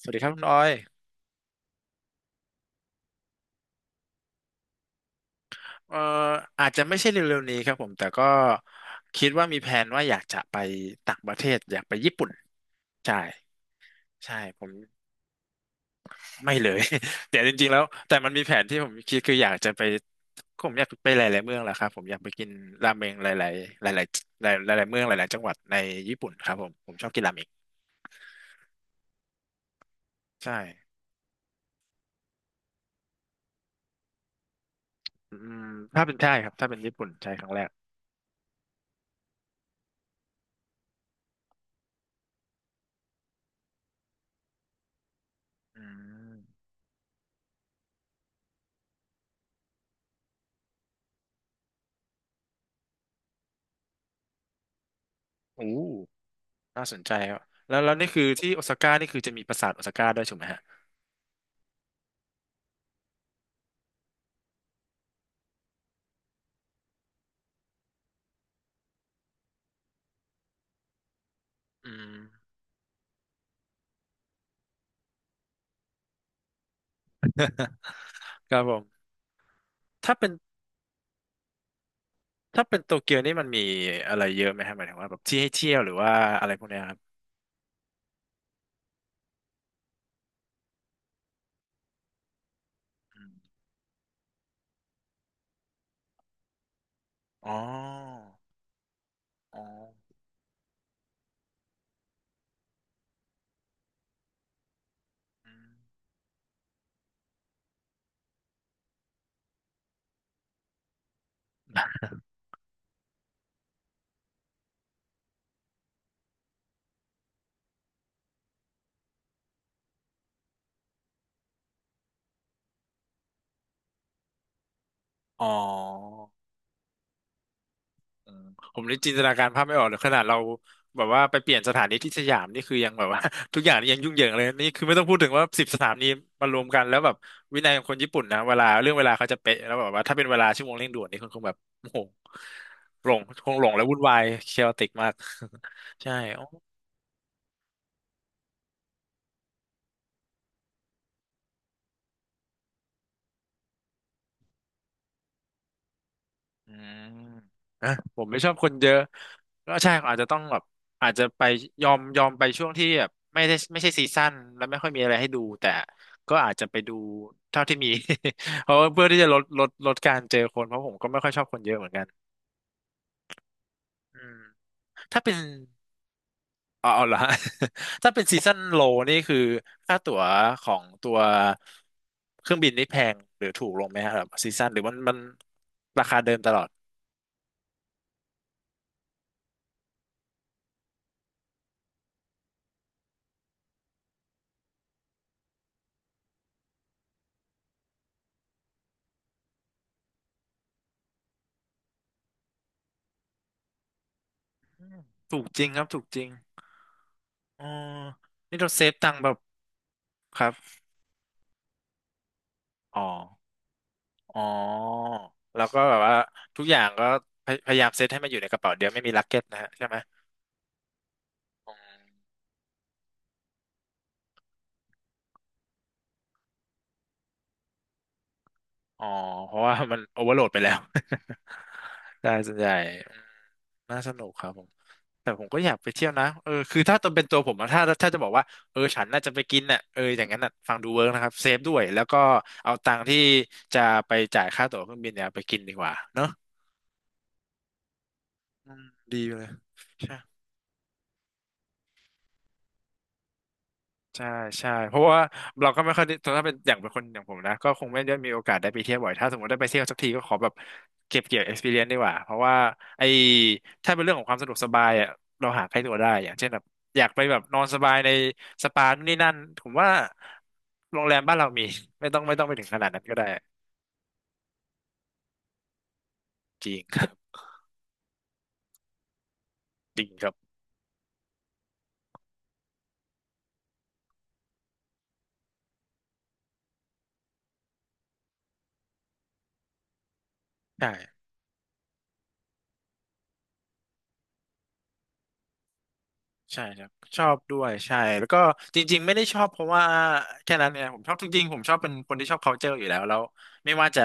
สวัสดีครับคุณออยเอ่ออาจจะไม่ใช่เร็วๆนี้ครับผมแต่ก็คิดว่ามีแผนว่าอยากจะไปต่างประเทศอยากไปญี่ปุ่นใช่ใช่ผมไม่เลย แต่จริงๆแล้วแต่มันมีแผนที่ผมคิดคืออยากจะไปผมอยากไปหลายๆเมืองแหละครับผมอยากไปกินราเมงหลายๆหลายๆหลายหลายๆเมืองหลายๆจังหวัดในญี่ปุ่นครับผมชอบกินราเมงใช่อืมถ้าเป็นใช่ครับถ้าเป็นญี่ปุ่นใช่ครั้งแรกอืมโอ้ น่าสนใจครับแล้วนี่คือที่โอซาก้านี่คือจะมีปราสาทโอซาก้าด้วยถูกไหมฮะอืมครับผมถ้าเป็นถ้าเป็นโตเกียวนี่มันมีอะไรเยอะไหมฮะหมายถึงว่าแบบที่ให้เที่ยวหรือว่าอะไรพวกเนี้ยครับอมอ๋ออ๋ออืมอ๋อ อืมผมเลยจินตนาการภาพไม่ออกเลยขนาดเราแบบว่าไปเปลี่ยนสถานีที่สยามนี่คือยังแบบว่า ทุกอย่างนี่ยังยุ่งเหยิงเลยนี่คือไม่ต้องพูดถึงว่าสิบสถานีมารวมกันแล้วแบบวินัยของคนญี่ปุ่นนะเวลาเขาจะเป๊ะแล้วแบบว่าถ้าเป็นเวลาชั่วโมงเร่งด่วนนี่คงแบบโอ้โหหลงคงหลงและวุ่นวายเคอติกมาก ใช่ อืมนะผมไม่ชอบคนเยอะก็ใช่อาจจะต้องแบบอาจจะไปยอมไปช่วงที่แบบไม่ใช่ซีซั่นแล้วไม่ค่อยมีอะไรให้ดูแต่ก็อาจจะไปดูเท่าที่มี เพราะว่าเพื่อที่จะลดการเจอคนเพราะผมก็ไม่ค่อยชอบคนเยอะเหมือนกันอืมถ้าเป็นอ๋อเอาเหรอฮะ ถ้าเป็นซีซั่นโลนี่คือค่าตั๋วของตัวเครื่องบินนี่แพงหรือถูกลงไหมครับซีซั่นหรือมันราคาเดิมตลอดอืมถูกจริงครับถูกจริง อ๋อนี่เราเซฟตังค์แบบครับ อ๋อ อ๋อ แล้วก็แบบว่าทุกอย่างก็พยายามเซตให้มันอยู่ในกระเป๋าเดียวไม่มีลักเก็ตนะฮะใช่ไหมอืมอ๋อ เพราะว่ามันโอเวอร์โหลดไปแล้ว ได้ส่วนใหญ่อืมน่าสนุกครับผม แต่ผมก็อยากไปเที่ยวนะเออคือถ้าตัวเป็นตัวผมอะถ้าจะบอกว่า เออฉันน่าจะไปกินน่ะเอออย่างนั้นน่ะฟังดูเวิร์กนะครับ เซฟด้วยแล้วก็เอาตังค์ที่จะไปจ่ายค่าตั๋วเครื่องบินเนี่ยไปกินดีกว่าเนอะอืมดีเลย ใช่ใช่เพราะว่าเราก็ไม่ค่อยได้ถ้าเป็นอย่างเป็นคนอย่างผมนะก็คงไม่ได้มีโอกาสได้ไปเที่ยวบ่อยถ้าสมมติได้ไปเที่ยวสักทีก็ขอแบบเก็บเกี่ยว experience ดีกว่าเพราะว่าไอ้ถ้าเป็นเรื่องของความสะดวกสบายอ่ะเราหาใกล้ตัวได้อย่างเช่นแบบอยากไปแบบนอนสบายในสปานู่นนี่นั่นผมว่าโรงแรมบ้านเรามี ไม่ต้องไปถึงขนาดนั้นก็ได้จริงครับ จริงครับใช่ ใช่ครับชอบด้วยใช่แล้วก็จริงๆไม่ได้ชอบเพราะว่าแค่นั้นเนี่ยผมชอบจริงๆผมชอบเป็นคนที่ชอบ culture อยู่แล้วไม่ว่าจะ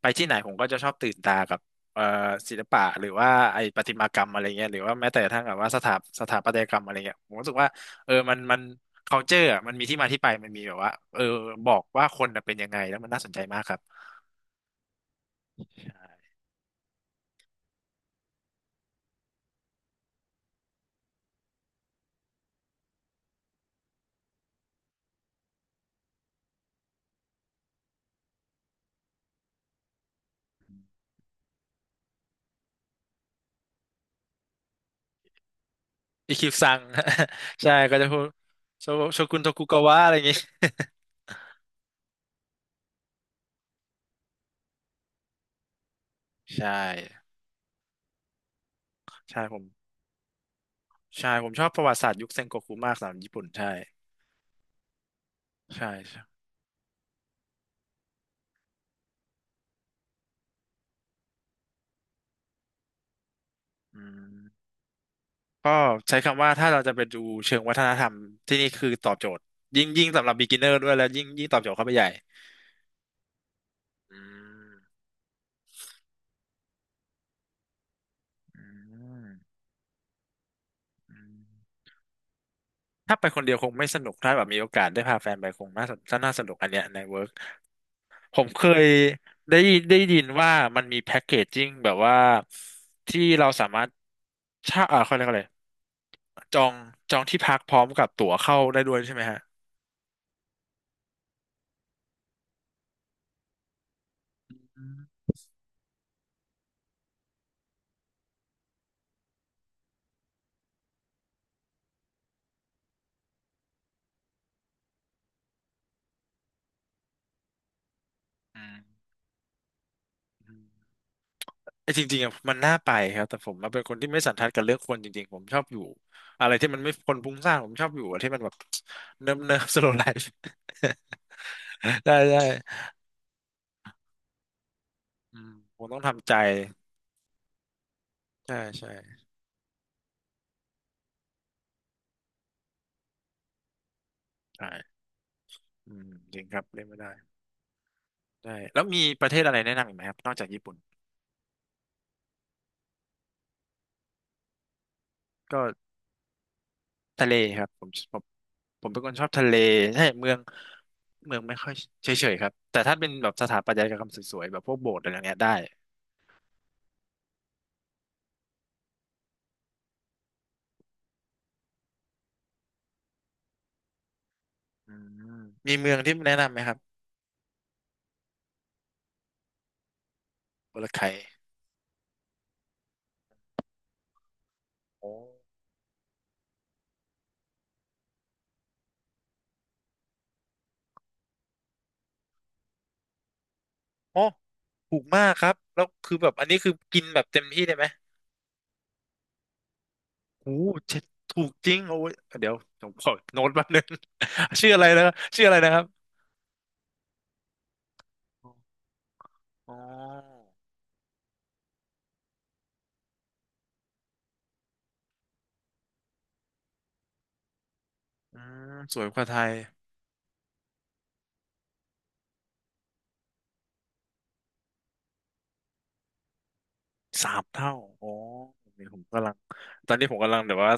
ไปที่ไหนผมก็จะชอบตื่นตากับเอ่อศิลปะหรือว่าไอ้ประติมากรรมอะไรเงี้ยหรือว่าแม้แต่กระทั่งแบบว่าสถาปัตยกรรมอะไรเงี้ยผมรู้สึกว่าเออมัน culture อะมันมีที่มาที่ไปมันมีแบบว่าเออบอกว่าคนน่ะเป็นยังไงแล้วมันน่าสนใจมากครับอีคิวซัง ใช่ก็จะพูดโชโชกุนโทคุกาวะอะไรเงงี้ย ใช่ใช่ผม ใช่ผมชอบประวัติศาสตร์ยุคเซ็งโกคุมากสำหรับญี่ปุ่นใช่ใช่ใช่อืมก็ใช้คำว่าถ้าเราจะไปดูเชิงวัฒนธรรมที่นี่คือตอบโจทย์ยิ่งสำหรับ beginner ด้วยแล้วยิ่งตอบโจทย์เข้าไปใหญ่อืมอืมอืมถ้าไปคนเดียวคงไม่สนุกถ้าแบบมีโอกาสได้พาแฟนไปคงน่าสนุกอันเนี้ยในเวิร์กผมเคยได้ได้ยินว่ามันมีแพ็กเกจจิ้งแบบว่าที่เราสามารถเช่าอ่าเขาเรียกอะไรจองจองที่พักพร้อมกับตั๋วเข้าได้ด้วยใช่ไหมฮะ อืมอืมไอจริงๆอะมันน่าไปครับแต่ผมอะเป็นคนที่ไม่สันทัดกับเรื่องคนจริงๆผมชอบอยู่อะไรที่มันไม่คนพลุ้งสร้างผมชอบอยู่อะที่มันแบบ เนิบเนิบสโลว์ ไลฟ์ ได้ได้อืมผมต้องทำใจใช่ใช่ใช่อืมจริงครับเล่นไม่ได้ใช่แล้วมีประเทศอะไรแนะนำอีกไหมครับนอกจากญี่ปุ่นก็ทะเลครับผมเป็นคนชอบทะเลใช่เมืองไม่ค่อยเฉยๆครับแต่ถ้าเป็นแบบสถาปัตยกรรมสวยๆแบบพวกโบสถ์อะไรอย่างเงี้ยได้ อืมมีเมืองที่แนะนำไหมครับบุรัมยไคโอ้โอถูกมากครับแล้วคือแบบอันนี้คือกินแบบเต็มที่ได้ไหมโอ้โหเจ็ดถูกจริงโอ้ยเดี๋ยวผมขอโน้ตแป๊บนึง ชื่ออะไรนะครับชื่ออะไรนะครับอ๋ออืสวยกว่าไทย3 เท่าโอ้อนี่ผมกำลังตอนนี้ผมกำลังเดี๋ยวว่า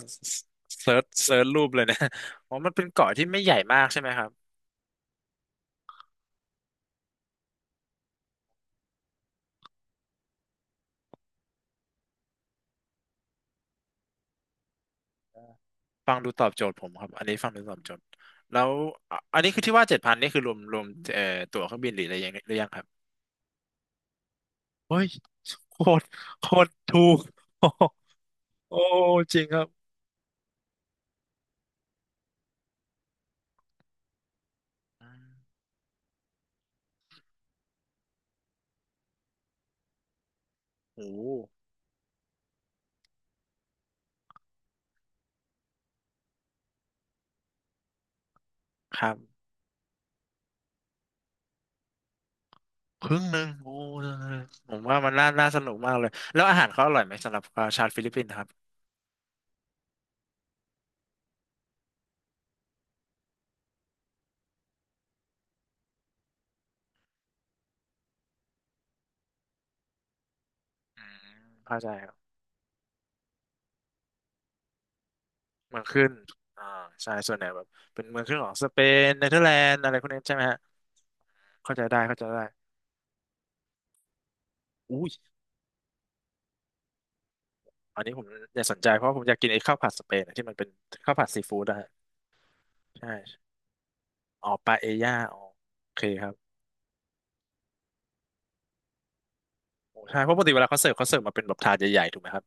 เซิร์ชรูปเลยนะ อ๋อมันเป็นเกาะที่ไม่ใหญ่มากใช่ไหมครับ ฟังดูตอบโจทย์ผมครับอันนี้ฟังดูตอบโจทย์แล้วอะอันนี้คือที่ว่า7,000นี่คือรวมเอ่อตั๋วเครื่องบินหรืออะไรยังหรือยังครับเฮ้ยโคตรโคตรถูก โอ้โหโอ้จริงครับโอ้โหครับครึ่งหนึ่งโอ้ผมว่ามันน่าน่าสนุกมากเลยแล้วอาหารเขาอร่อยไหมสำหรับชาวฟิลิปปินส์ครับอืมเข้าใจครับเมืองขึ้นอ่าใช่ส่วนไหนแบบเป็นเมืองขึ้นของสเปนเนเธอร์แลนด์อะไรพวกนี้ใช่ไหมฮะเข้าใจได้เข้าใจได้อุ้ย อันนี้ผมอยากสนใจเพราะผมอยากกินไอ้ข้าวผัดสเปนอะที่มันเป็นข้าวผัดซีฟู้ดนะฮะใช่อ๋อปาเอย่าอ๋อโอเคครับโอ้ใช่เพราะปกติเวลาเขาเสิร์ฟเขาเสิร์ฟมาเป็นแบบถาดใหญ่ๆถูกไหมครับ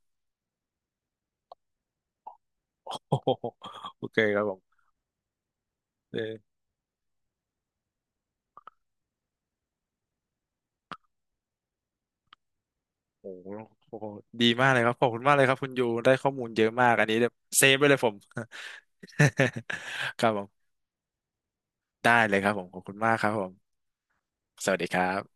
โอ้โห โอเคครับผมเออโอ้โหโอ้โหดีมากเลยครับขอบคุณมากเลยครับคุณยูได้ข้อมูลเยอะมากอันนี้แบบเซฟไปเลยผม ครับผมได้เลยครับผมขอบคุณมากครับผมสวัสดีครับ